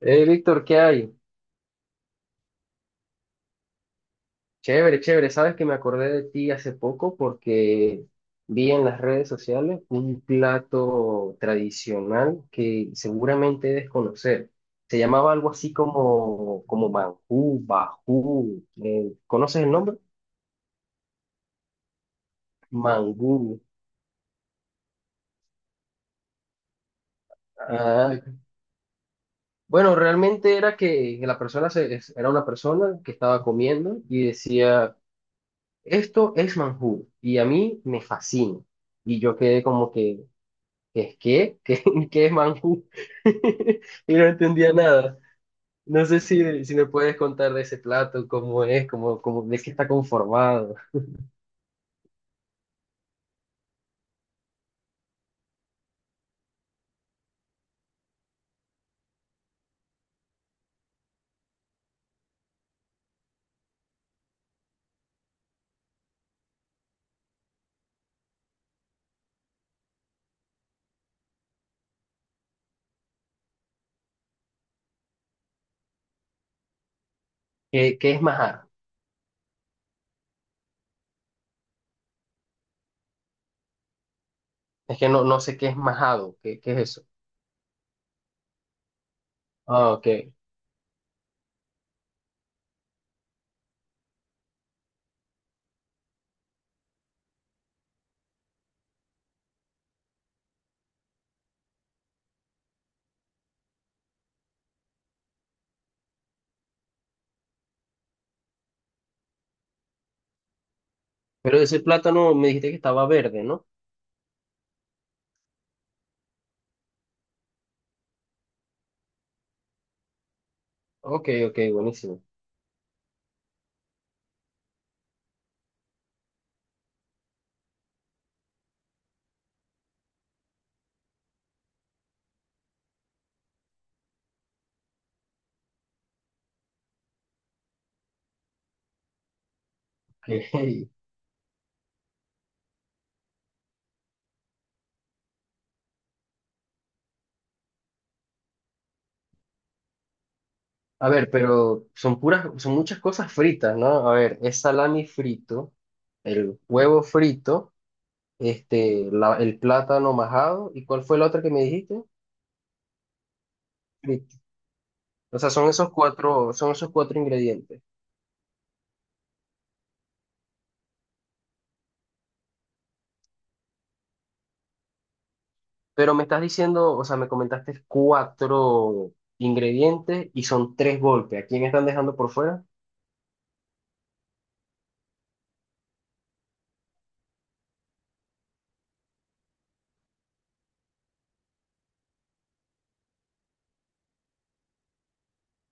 Hey, Víctor, ¿qué hay? Chévere, chévere. Sabes que me acordé de ti hace poco porque vi en las redes sociales un plato tradicional que seguramente debes conocer. Se llamaba algo así como mangú, bajú. ¿Conoces el nombre? Mangú. Ah, bueno, realmente era que la persona se- es- era una persona que estaba comiendo y decía, esto es mangú y a mí me fascina. Y yo quedé como que, ¿qué, qué? ¿Qué, qué es Manjú? Y no entendía nada. No sé si me puedes contar de ese plato, cómo es, cómo, de qué está conformado. ¿Qué, qué es majado? Es que no sé qué es majado. ¿Qué, qué es eso? Ah, ok. Pero ese plátano me dijiste que estaba verde, ¿no? Ok, ok, buenísimo. Ok. A ver, pero son puras, son muchas cosas fritas, ¿no? A ver, es salami frito, el huevo frito, el plátano majado, ¿y cuál fue la otra que me dijiste? Listo. O sea, son esos cuatro ingredientes. Pero me estás diciendo, o sea, me comentaste cuatro ingredientes y son tres golpes. ¿A quién están dejando por fuera?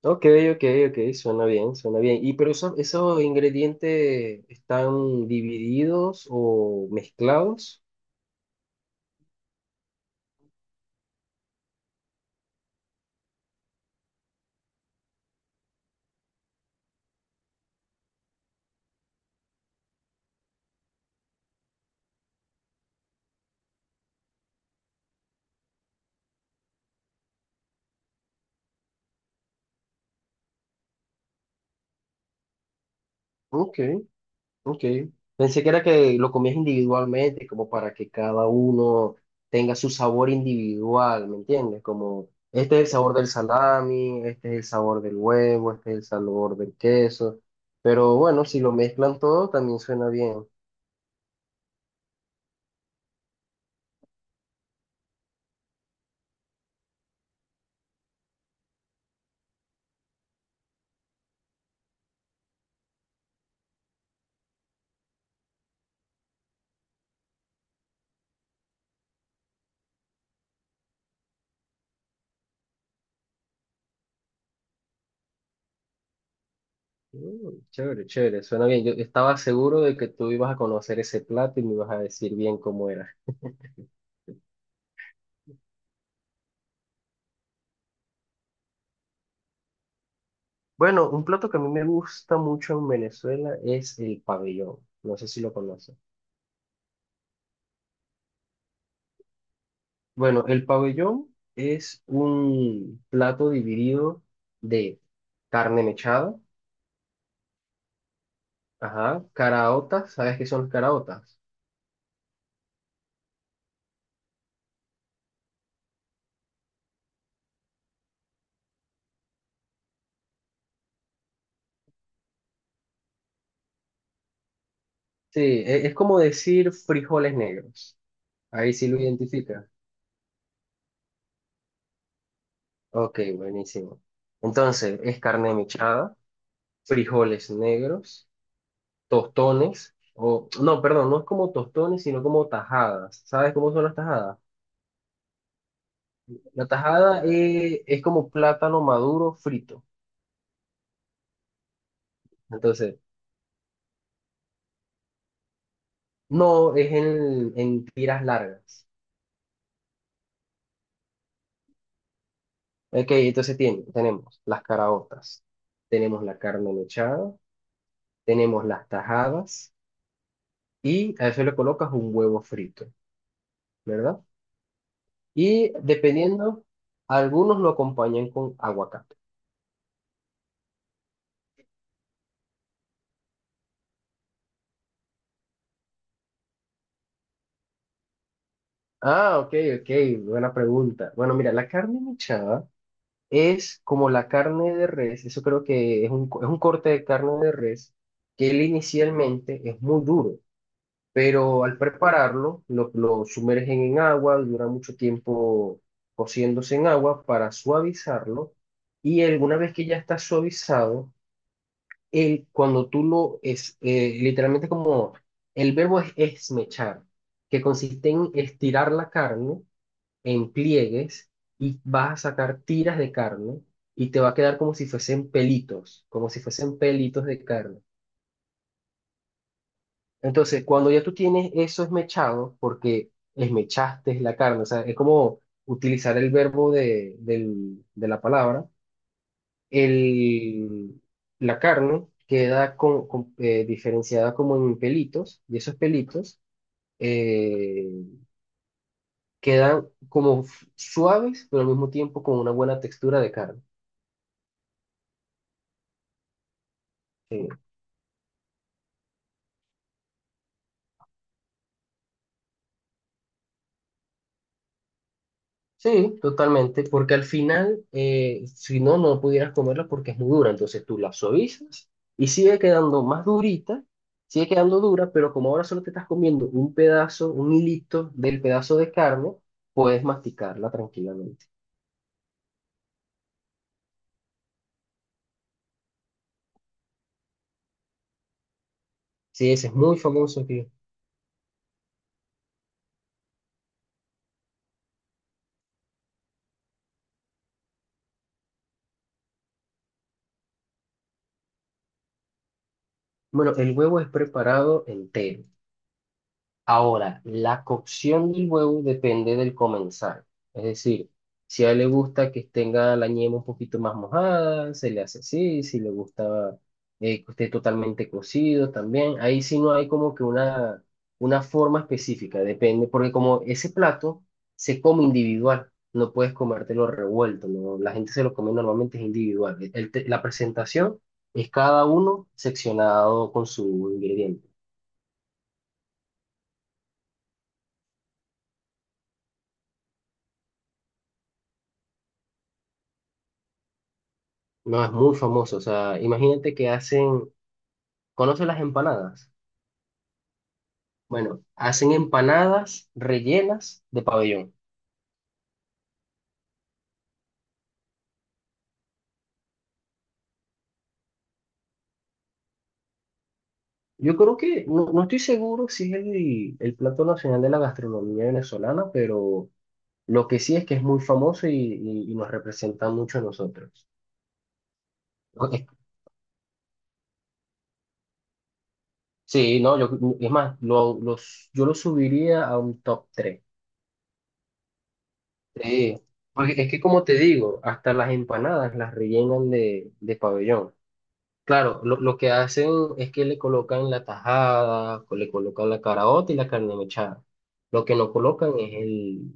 Ok, ok, ok, suena bien, suena bien. ¿Y pero esos ingredientes están divididos o mezclados? Ok. Ok. Pensé que era que lo comías individualmente, como para que cada uno tenga su sabor individual, ¿me entiendes? Como este es el sabor del salami, este es el sabor del huevo, este es el sabor del queso. Pero bueno, si lo mezclan todo, también suena bien. Mm, chévere, chévere, suena bien. Yo estaba seguro de que tú ibas a conocer ese plato y me ibas a decir bien cómo era. Bueno, un plato que a mí me gusta mucho en Venezuela es el pabellón. No sé si lo conoces. Bueno, el pabellón es un plato dividido de carne mechada, ajá, caraotas, ¿sabes qué son las caraotas? Sí, es como decir frijoles negros. Ahí sí lo identifica. Ok, buenísimo. Entonces, es carne mechada, frijoles negros, tostones, o no, perdón, no es como tostones, sino como tajadas. ¿Sabes cómo son las tajadas? La tajada es como plátano maduro frito. Entonces, no, es en tiras largas. Ok, entonces tenemos las caraotas, tenemos la carne mechada, tenemos las tajadas y a eso le colocas un huevo frito, ¿verdad? Y dependiendo, algunos lo acompañan con aguacate. Ah, ok, ok, buena pregunta. Bueno, mira, la carne mechada es como la carne de res, eso creo que es es un corte de carne de res que él inicialmente es muy duro, pero al prepararlo lo sumergen en agua, dura mucho tiempo cociéndose en agua para suavizarlo, y alguna vez que ya está suavizado, cuando tú lo es literalmente, como el verbo es esmechar, que consiste en estirar la carne en pliegues, y vas a sacar tiras de carne y te va a quedar como si fuesen pelitos, como si fuesen pelitos de carne. Entonces, cuando ya tú tienes eso esmechado, porque esmechaste la carne, o sea, es como utilizar el verbo de la palabra, el, la carne queda diferenciada como en pelitos, y esos pelitos eh, quedan como suaves, pero al mismo tiempo con una buena textura de carne. Sí. Sí, totalmente, porque al final, si no, no pudieras comerla porque es muy dura. Entonces tú la suavizas y sigue quedando más durita, sigue quedando dura, pero como ahora solo te estás comiendo un pedazo, un hilito del pedazo de carne, puedes masticarla tranquilamente. Sí, ese es muy famoso aquí. Bueno, el huevo es preparado entero. Ahora, la cocción del huevo depende del comensal. Es decir, si a él le gusta que tenga la yema un poquito más mojada, se le hace así. Si le gusta que esté totalmente cocido también. Ahí sí no hay como que una forma específica, depende. Porque como ese plato se come individual, no puedes comértelo revuelto, ¿no? La gente se lo come normalmente es individual. El la presentación es cada uno seccionado con su ingrediente. No, es muy famoso. O sea, imagínate que hacen, ¿conoces las empanadas? Bueno, hacen empanadas rellenas de pabellón. Yo creo que, no, no estoy seguro si es el plato nacional de la gastronomía venezolana, pero lo que sí es que es muy famoso y, y nos representa mucho a nosotros. No, es- Sí, no, yo, es más, yo lo subiría a un top tres. Sí, porque es que como te digo, hasta las empanadas las rellenan de pabellón. Claro, lo que hacen es que le colocan la tajada, le colocan la caraota y la carne mechada. Lo que no colocan es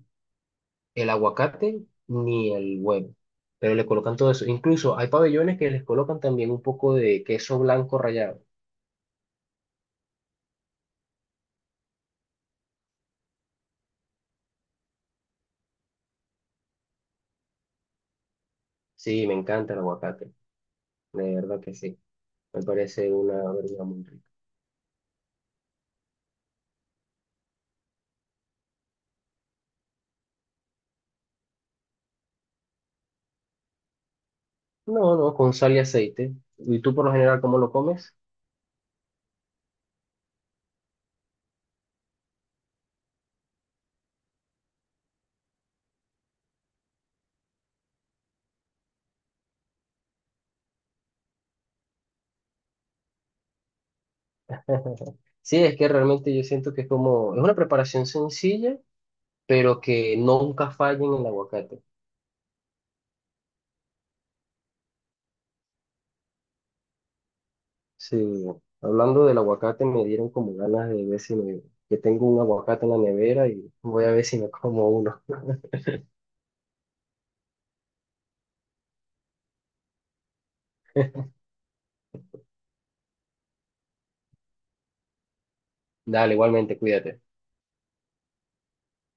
el aguacate ni el huevo, pero le colocan todo eso. Incluso hay pabellones que les colocan también un poco de queso blanco rallado. Sí, me encanta el aguacate, de verdad que sí. Me parece una verdura muy rica. No, no, con sal y aceite. ¿Y tú por lo general cómo lo comes? Sí, es que realmente yo siento que es como, es una preparación sencilla pero que nunca fallen el aguacate. Sí, hablando del aguacate me dieron como ganas de ver si me, que tengo un aguacate en la nevera y voy a ver si me como uno. Dale, igualmente, cuídate.